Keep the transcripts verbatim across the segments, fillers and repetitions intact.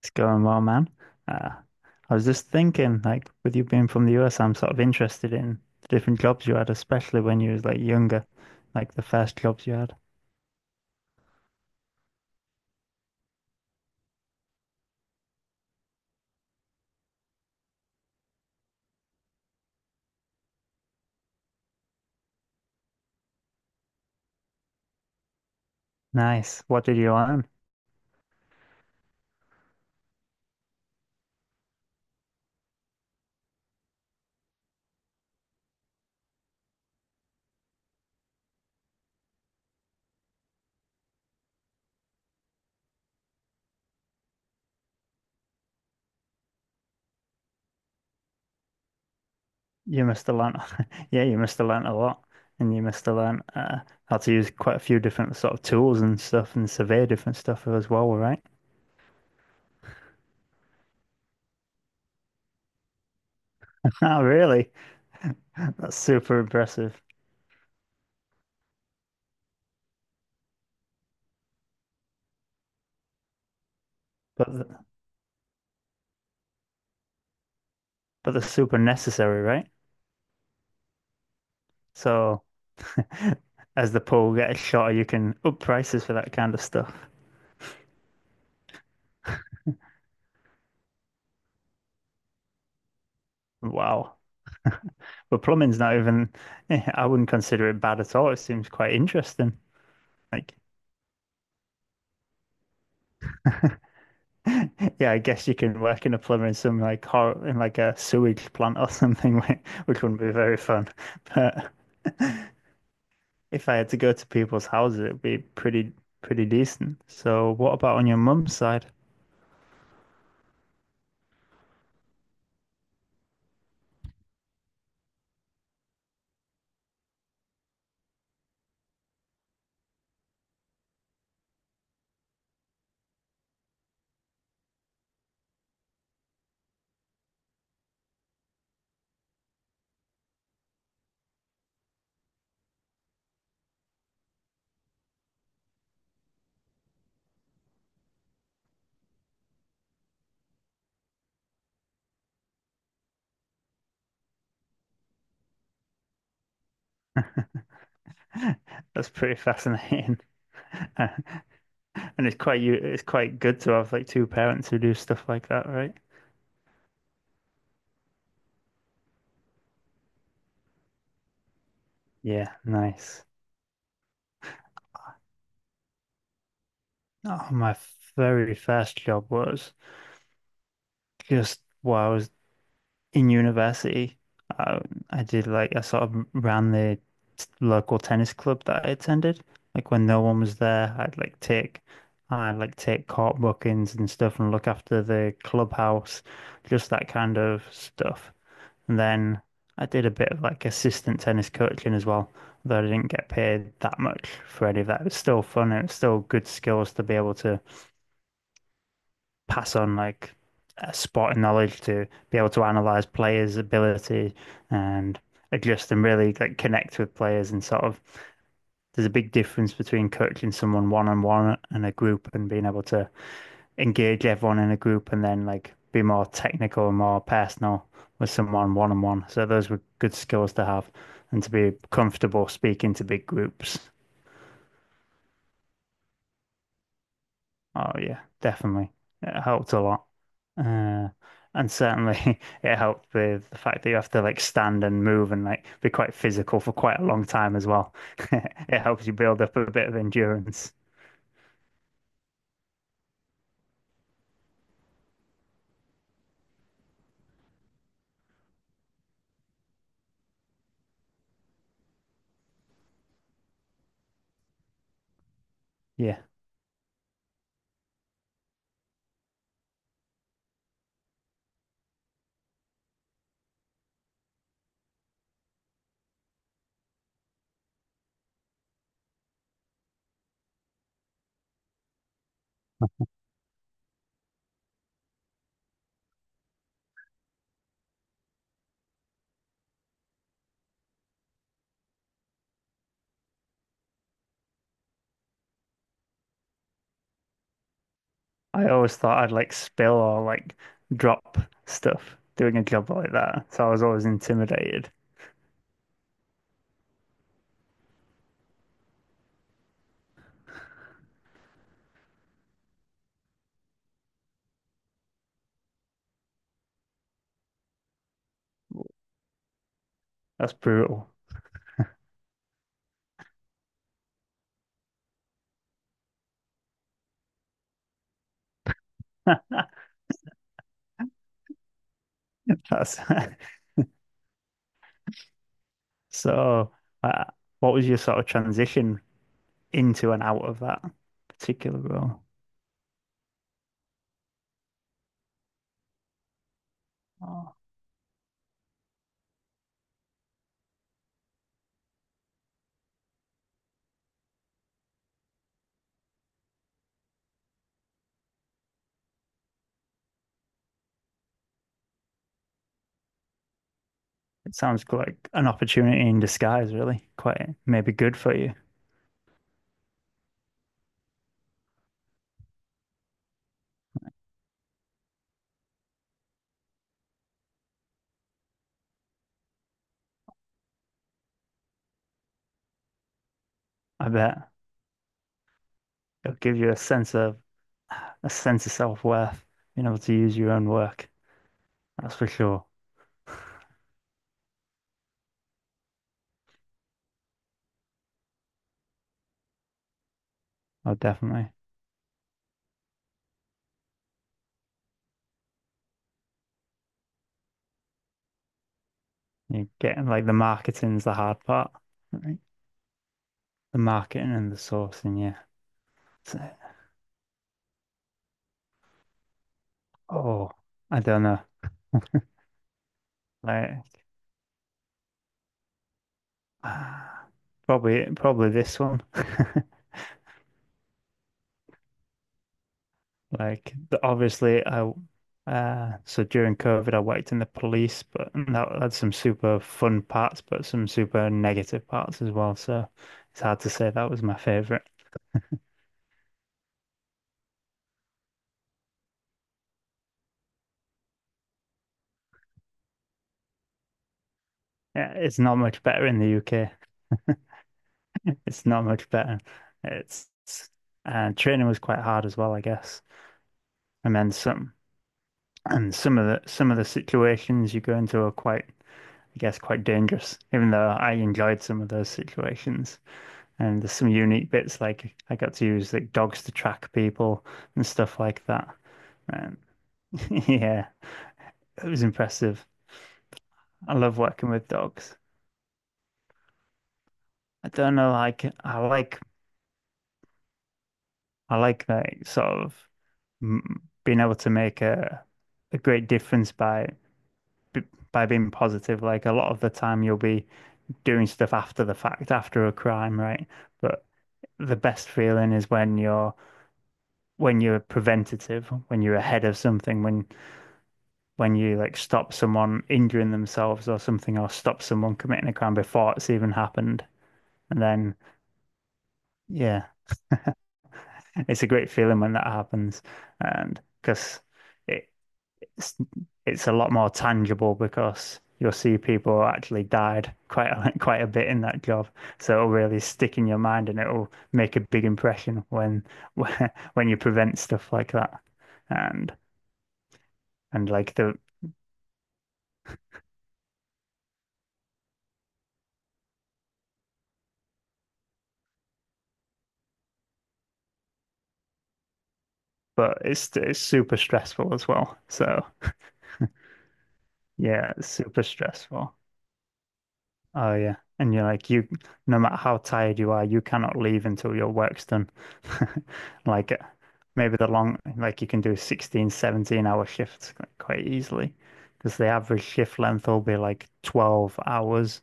It's going well, man. Uh, I was just thinking, like, with you being from the U S, I'm sort of interested in the different jobs you had, especially when you was like younger, like the first jobs you had. Nice. What did you learn? You must have learned, yeah, you must have learned a lot, and you must have learned uh, how to use quite a few different sort of tools and stuff, and survey different stuff as well, right? Oh, really? That's super impressive, but th- but that's super necessary, right? So. As the pool gets shorter, you can up prices for that kind of stuff. Wow. But plumbing's not even, eh, I wouldn't consider it bad at all. It seems quite interesting. Like, yeah, I guess you can work in a plumber in some like hor in like a sewage plant or something, whi- which wouldn't be very fun. But if I had to go to people's houses, it'd be pretty pretty decent. So, what about on your mum's side? That's pretty fascinating. And it's quite you it's quite good to have like two parents who do stuff like that, right? Yeah, nice. Oh, my very first job was just while I was in university. I, I did like I sort of ran the t- local tennis club that I attended. Like when no one was there, I'd like take I'd like take court bookings and stuff and look after the clubhouse, just that kind of stuff. And then I did a bit of like assistant tennis coaching as well, though I didn't get paid that much for any of that. It was still fun and it's still good skills to be able to pass on like uh, sporting knowledge, to be able to analyze players' ability and adjust and really like connect with players and sort of there's a big difference between coaching someone one on one and a group and being able to engage everyone in a group and then like be more technical and more personal with someone one on one. So those were good skills to have and to be comfortable speaking to big groups. Oh yeah, definitely. It helped a lot. Uh, and certainly it helped with the fact that you have to like stand and move and like be quite physical for quite a long time as well. It helps you build up a bit of endurance. Yeah. I always thought I'd like spill or like drop stuff doing a job like that. So I was always intimidated. That's brutal. That's so. Uh, what was your sort of transition into and out of that particular role? Oh, it sounds like an opportunity in disguise, really. Quite maybe good for you. I bet it'll give you a sense of a sense of self-worth, being able to use your own work. That's for sure. Oh, definitely. You're getting like the marketing's the hard part, right? The marketing and the sourcing, yeah. So- oh, I don't know. Like, ah, probably, probably this one. Like, the, obviously, I uh, so during COVID, I worked in the police, but that had some super fun parts, but some super negative parts as well. So it's hard to say that was my favorite. Yeah, it's not much better in the U K. It's not much better. It's and training was quite hard as well, I guess. And then some, and some of the some of the situations you go into are quite, I guess, quite dangerous. Even though I enjoyed some of those situations, and there's some unique bits like I got to use like dogs to track people and stuff like that. And yeah, it was impressive. I love working with dogs. I don't know, like I like I like that sort of mm, being able to make a a great difference by by being positive. Like a lot of the time, you'll be doing stuff after the fact, after a crime, right? But the best feeling is when you're when you're preventative, when you're ahead of something, when when you like stop someone injuring themselves or something, or stop someone committing a crime before it's even happened. And then, yeah, it's a great feeling when that happens, and because it it's it's a lot more tangible because you'll see people who actually died quite a, quite a bit in that job. So it'll really stick in your mind and it'll make a big impression when when you prevent stuff like that. And and like the but it's it's super stressful as well. So yeah, it's super stressful. Oh yeah. And you're like you no matter how tired you are, you cannot leave until your work's done. Like uh, maybe the long like you can do sixteen, seventeen hour shifts qu- quite easily because the average shift length will be like twelve hours.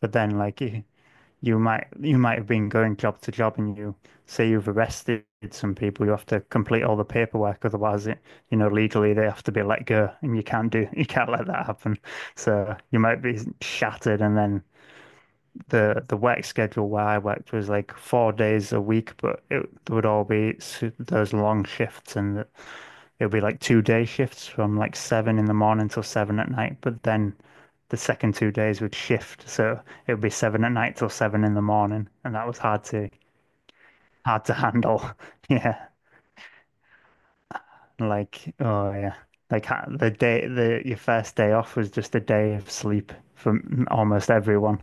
But then like you, you might you might have been going job to job and you say you've arrested some people, you have to complete all the paperwork, otherwise it you know legally they have to be let go and you can't do you can't let that happen. So you might be shattered and then the the work schedule where I worked was like four days a week, but it would all be s- those long shifts, and it would be like two day shifts from like seven in the morning till seven at night. But then the second two days would shift, so it would be seven at night till seven in the morning, and that was hard to hard to handle. Yeah, like oh yeah, like ha- the day the your first day off was just a day of sleep for m- almost everyone.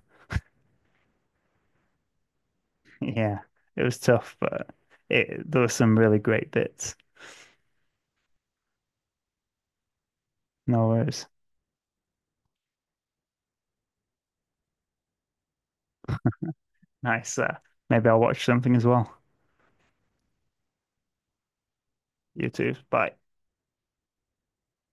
Yeah, it was tough, but it there were some really great bits. No worries. Nice. Uh, maybe I'll watch something as well. You too. Bye.